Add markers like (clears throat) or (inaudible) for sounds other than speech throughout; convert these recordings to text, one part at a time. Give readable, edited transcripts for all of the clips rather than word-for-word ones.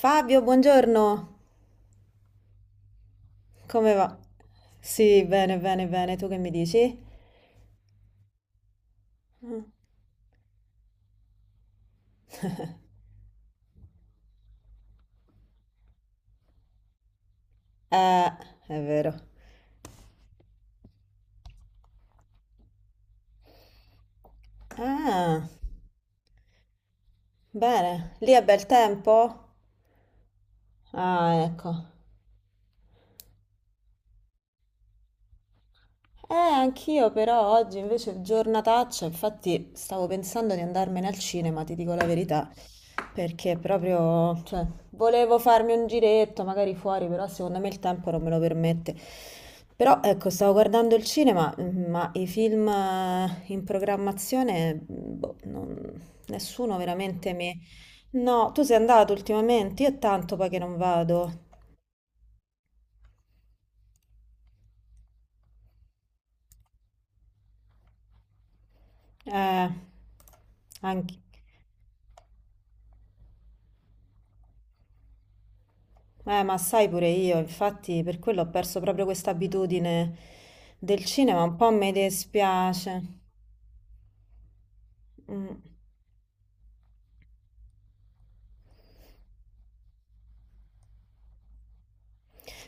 Fabio, buongiorno. Come va? Sì, bene, bene, bene. Tu che mi dici? Eh, è vero. Ah, bene. Lì è bel tempo? Ah, ecco. Anch'io però oggi invece giornataccia, infatti stavo pensando di andarmene al cinema, ti dico la verità, perché proprio, cioè, volevo farmi un giretto magari fuori, però secondo me il tempo non me lo permette. Però ecco, stavo guardando il cinema, ma i film in programmazione, boh, nessuno veramente mi. No, tu sei andato ultimamente, io è tanto poi che non vado. Eh, anche. Ma sai pure io, infatti per quello ho perso proprio questa abitudine del cinema, un po' mi dispiace. Mm.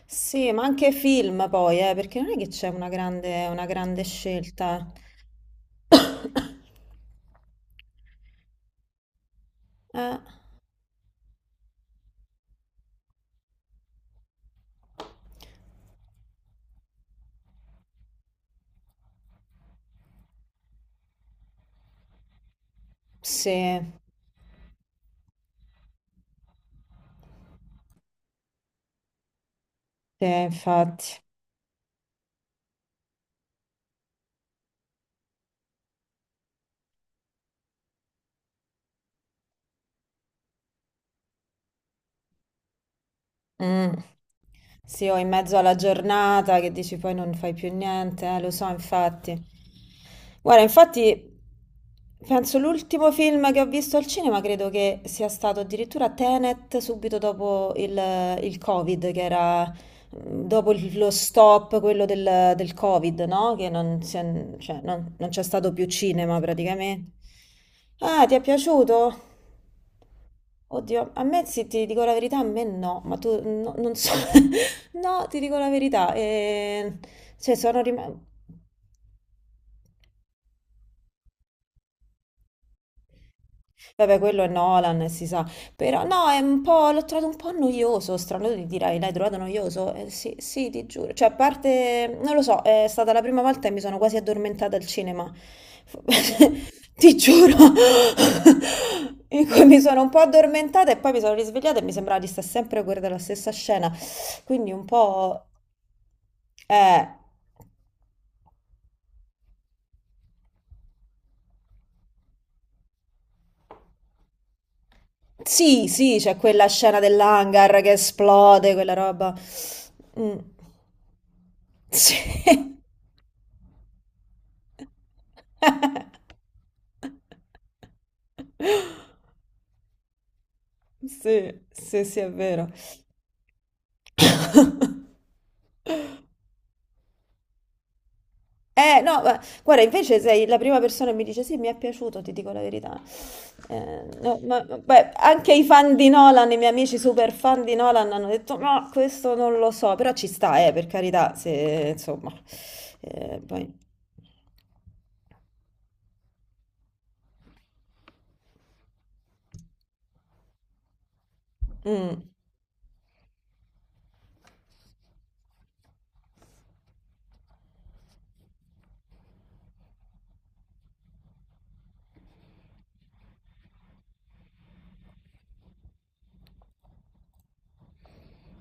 Sì, ma anche film poi, perché non è che c'è una grande scelta. Eh, sì, sì, infatti. Mm. Sì, o in mezzo alla giornata che dici poi non fai più niente, lo so, infatti. Guarda, infatti, penso l'ultimo film che ho visto al cinema credo che sia stato addirittura Tenet subito dopo il Covid, che era dopo lo stop, quello del Covid, no? Che non, cioè, non c'è stato più cinema praticamente. Ah, ti è piaciuto? Oddio, a me sì, ti dico la verità, a me no, ma tu non so. (laughs) No, ti dico la verità. Cioè, sono rimasta. Vabbè, quello è Nolan, si sa. Però no, è un po', l'ho trovato un po' noioso, strano, tu dirai, l'hai trovato noioso? Sì, sì, ti giuro. Cioè, a parte, non lo so, è stata la prima volta e mi sono quasi addormentata al cinema. (laughs) Ti giuro. (laughs) In cui mi sono un po' addormentata e poi mi sono risvegliata e mi sembrava di stare sempre a guardare la stessa scena. Quindi un po'. Eh. Sì, sì, c'è quella scena dell'hangar che esplode, quella roba. Mm. Sì. (laughs) Sì, sì, sì, è vero. (laughs) No, guarda, invece sei la prima persona che mi dice sì, mi è piaciuto, ti dico la verità. No, beh, anche i fan di Nolan, i miei amici super fan di Nolan hanno detto no, questo non lo so, però ci sta, per carità, se, insomma. Poi. Mm,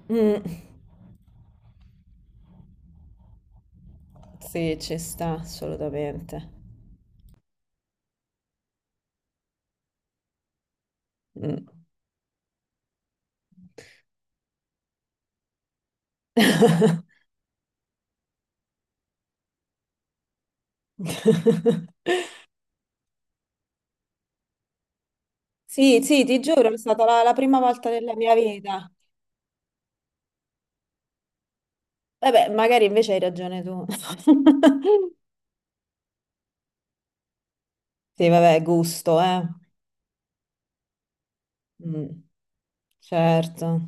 mm. Sì, ci sta, assolutamente. Mm. (laughs) Sì, sì, ti giuro, è stata la prima volta nella mia vita. Vabbè, magari invece hai ragione tu. (laughs) Sì, vabbè, gusto, eh. Mm, certo.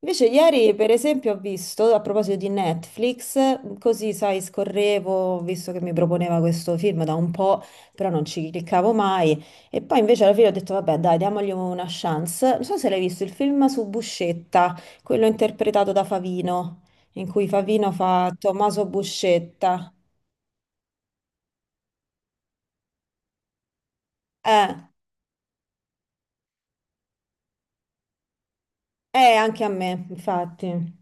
Invece ieri, per esempio, ho visto, a proposito di Netflix, così, sai, scorrevo, visto che mi proponeva questo film da un po', però non ci cliccavo mai, e poi invece alla fine ho detto, vabbè, dai, diamogli una chance. Non so se l'hai visto, il film su Buscetta, quello interpretato da Favino, in cui Favino fa Tommaso Buscetta. Eh, anche a me, infatti.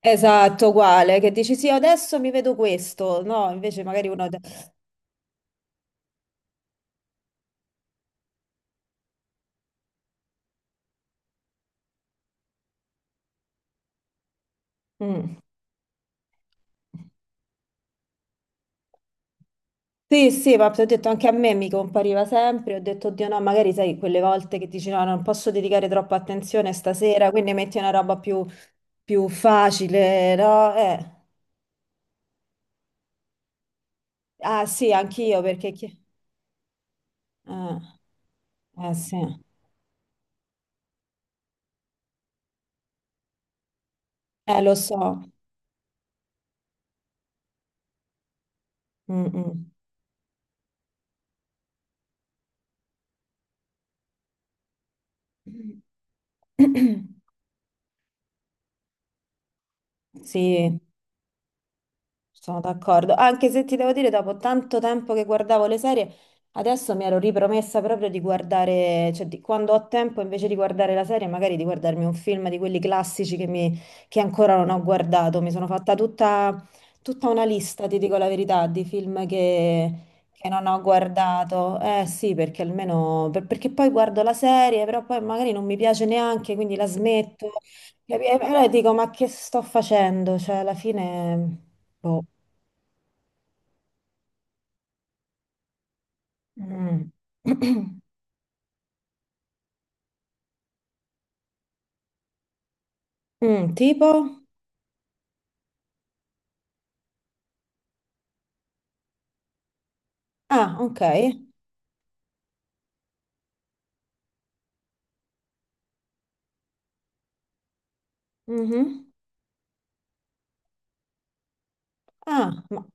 Esatto, uguale, che dici sì, adesso mi vedo questo, no, invece magari uno. Mm. Sì, sì, ma ti ho detto anche a me mi compariva sempre, ho detto, oddio no, magari sai quelle volte che dici no, non posso dedicare troppa attenzione stasera, quindi metti una roba più, facile, no? Ah sì, anch'io perché. Chi. Ah, sì, lo so. Mm, mm. (clears throat) Sì, sono d'accordo, anche se ti devo dire, dopo tanto tempo che guardavo le serie, adesso mi ero ripromessa proprio di guardare, cioè quando ho tempo invece di guardare la serie, magari di guardarmi un film di quelli classici che, che ancora non ho guardato. Mi sono fatta tutta, tutta una lista, ti dico la verità, di film che non ho guardato. Eh sì, perché almeno, perché poi guardo la serie, però poi magari non mi piace neanche, quindi la smetto. E allora dico, ma che sto facendo? Cioè, alla fine. Boh. Mm. (clears throat) Mm, tipo? Ah, ok. Mhm. Ah, ma,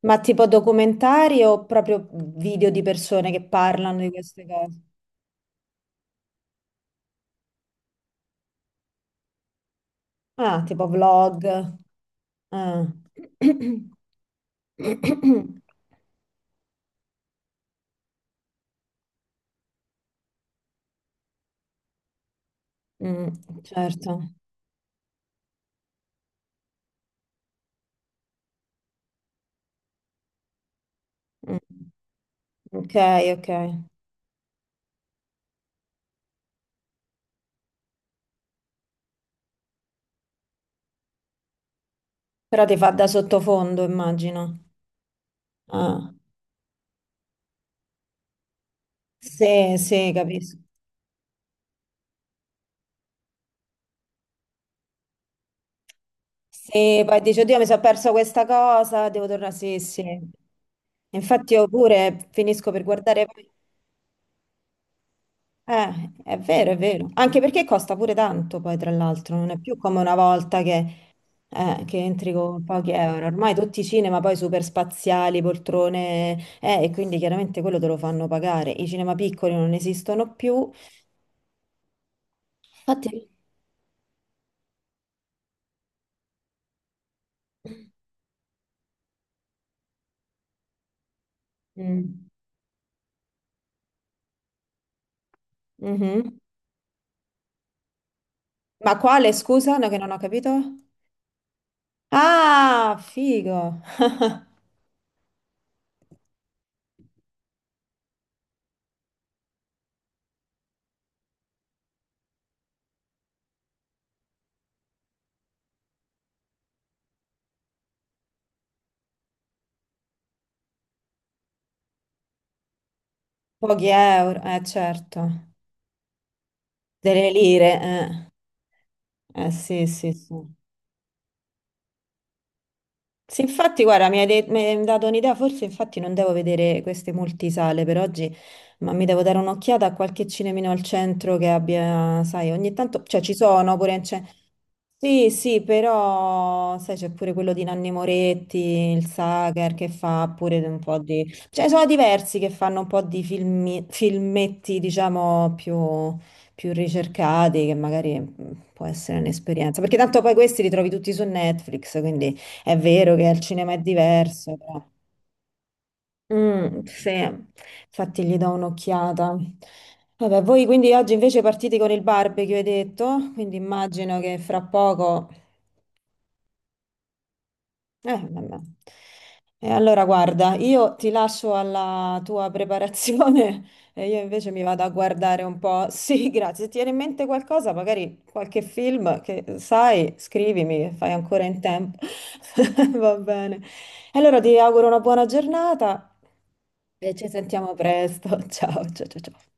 ma tipo documentari o proprio video di persone che parlano di queste cose? Ah, tipo vlog. Ah. (clears throat) Mm, certo. Mm. Ok, ok. Però ti fa da sottofondo, immagino. Ah. Sì, sì, capisco. Sì, poi dici, oddio, mi sono perso questa cosa, devo tornare. Sì, sì. Infatti io pure finisco per guardare. È vero, è vero. Anche perché costa pure tanto, poi, tra l'altro. Non è più come una volta che, che entri con pochi euro. Ormai tutti i cinema poi super spaziali, poltrone, e quindi chiaramente quello te lo fanno pagare. I cinema piccoli non esistono più. Infatti. Mm. Mhm. Ma quale, scusa, no, che non ho capito? Ah, figo. Pochi euro, eh certo, delle lire, eh sì, sì, sì. Sì, infatti, guarda, mi hai dato un'idea, forse infatti non devo vedere queste multisale per oggi, ma mi devo dare un'occhiata a qualche cinemino al centro che abbia, sai, ogni tanto, cioè ci sono pure. Sì, sì, però sai c'è pure quello di Nanni Moretti, il Sacher che fa pure un po' di. Cioè sono diversi che fanno un po' di filmetti, diciamo, più, ricercati, che magari può essere un'esperienza. Perché tanto poi questi li trovi tutti su Netflix, quindi è vero che al cinema è diverso, però. Mm, sì, infatti gli do un'occhiata. Vabbè, voi quindi oggi invece partite con il barbecue, hai detto, quindi immagino che fra poco. Vabbè. E allora guarda, io ti lascio alla tua preparazione (laughs) e io invece mi vado a guardare un po'. (laughs) Sì, grazie. Se ti viene in mente qualcosa, magari qualche film che sai, scrivimi, che fai ancora in tempo. (laughs) Va bene. E allora ti auguro una buona giornata e ci sentiamo presto. (laughs) Ciao, ciao, ciao. Ciao.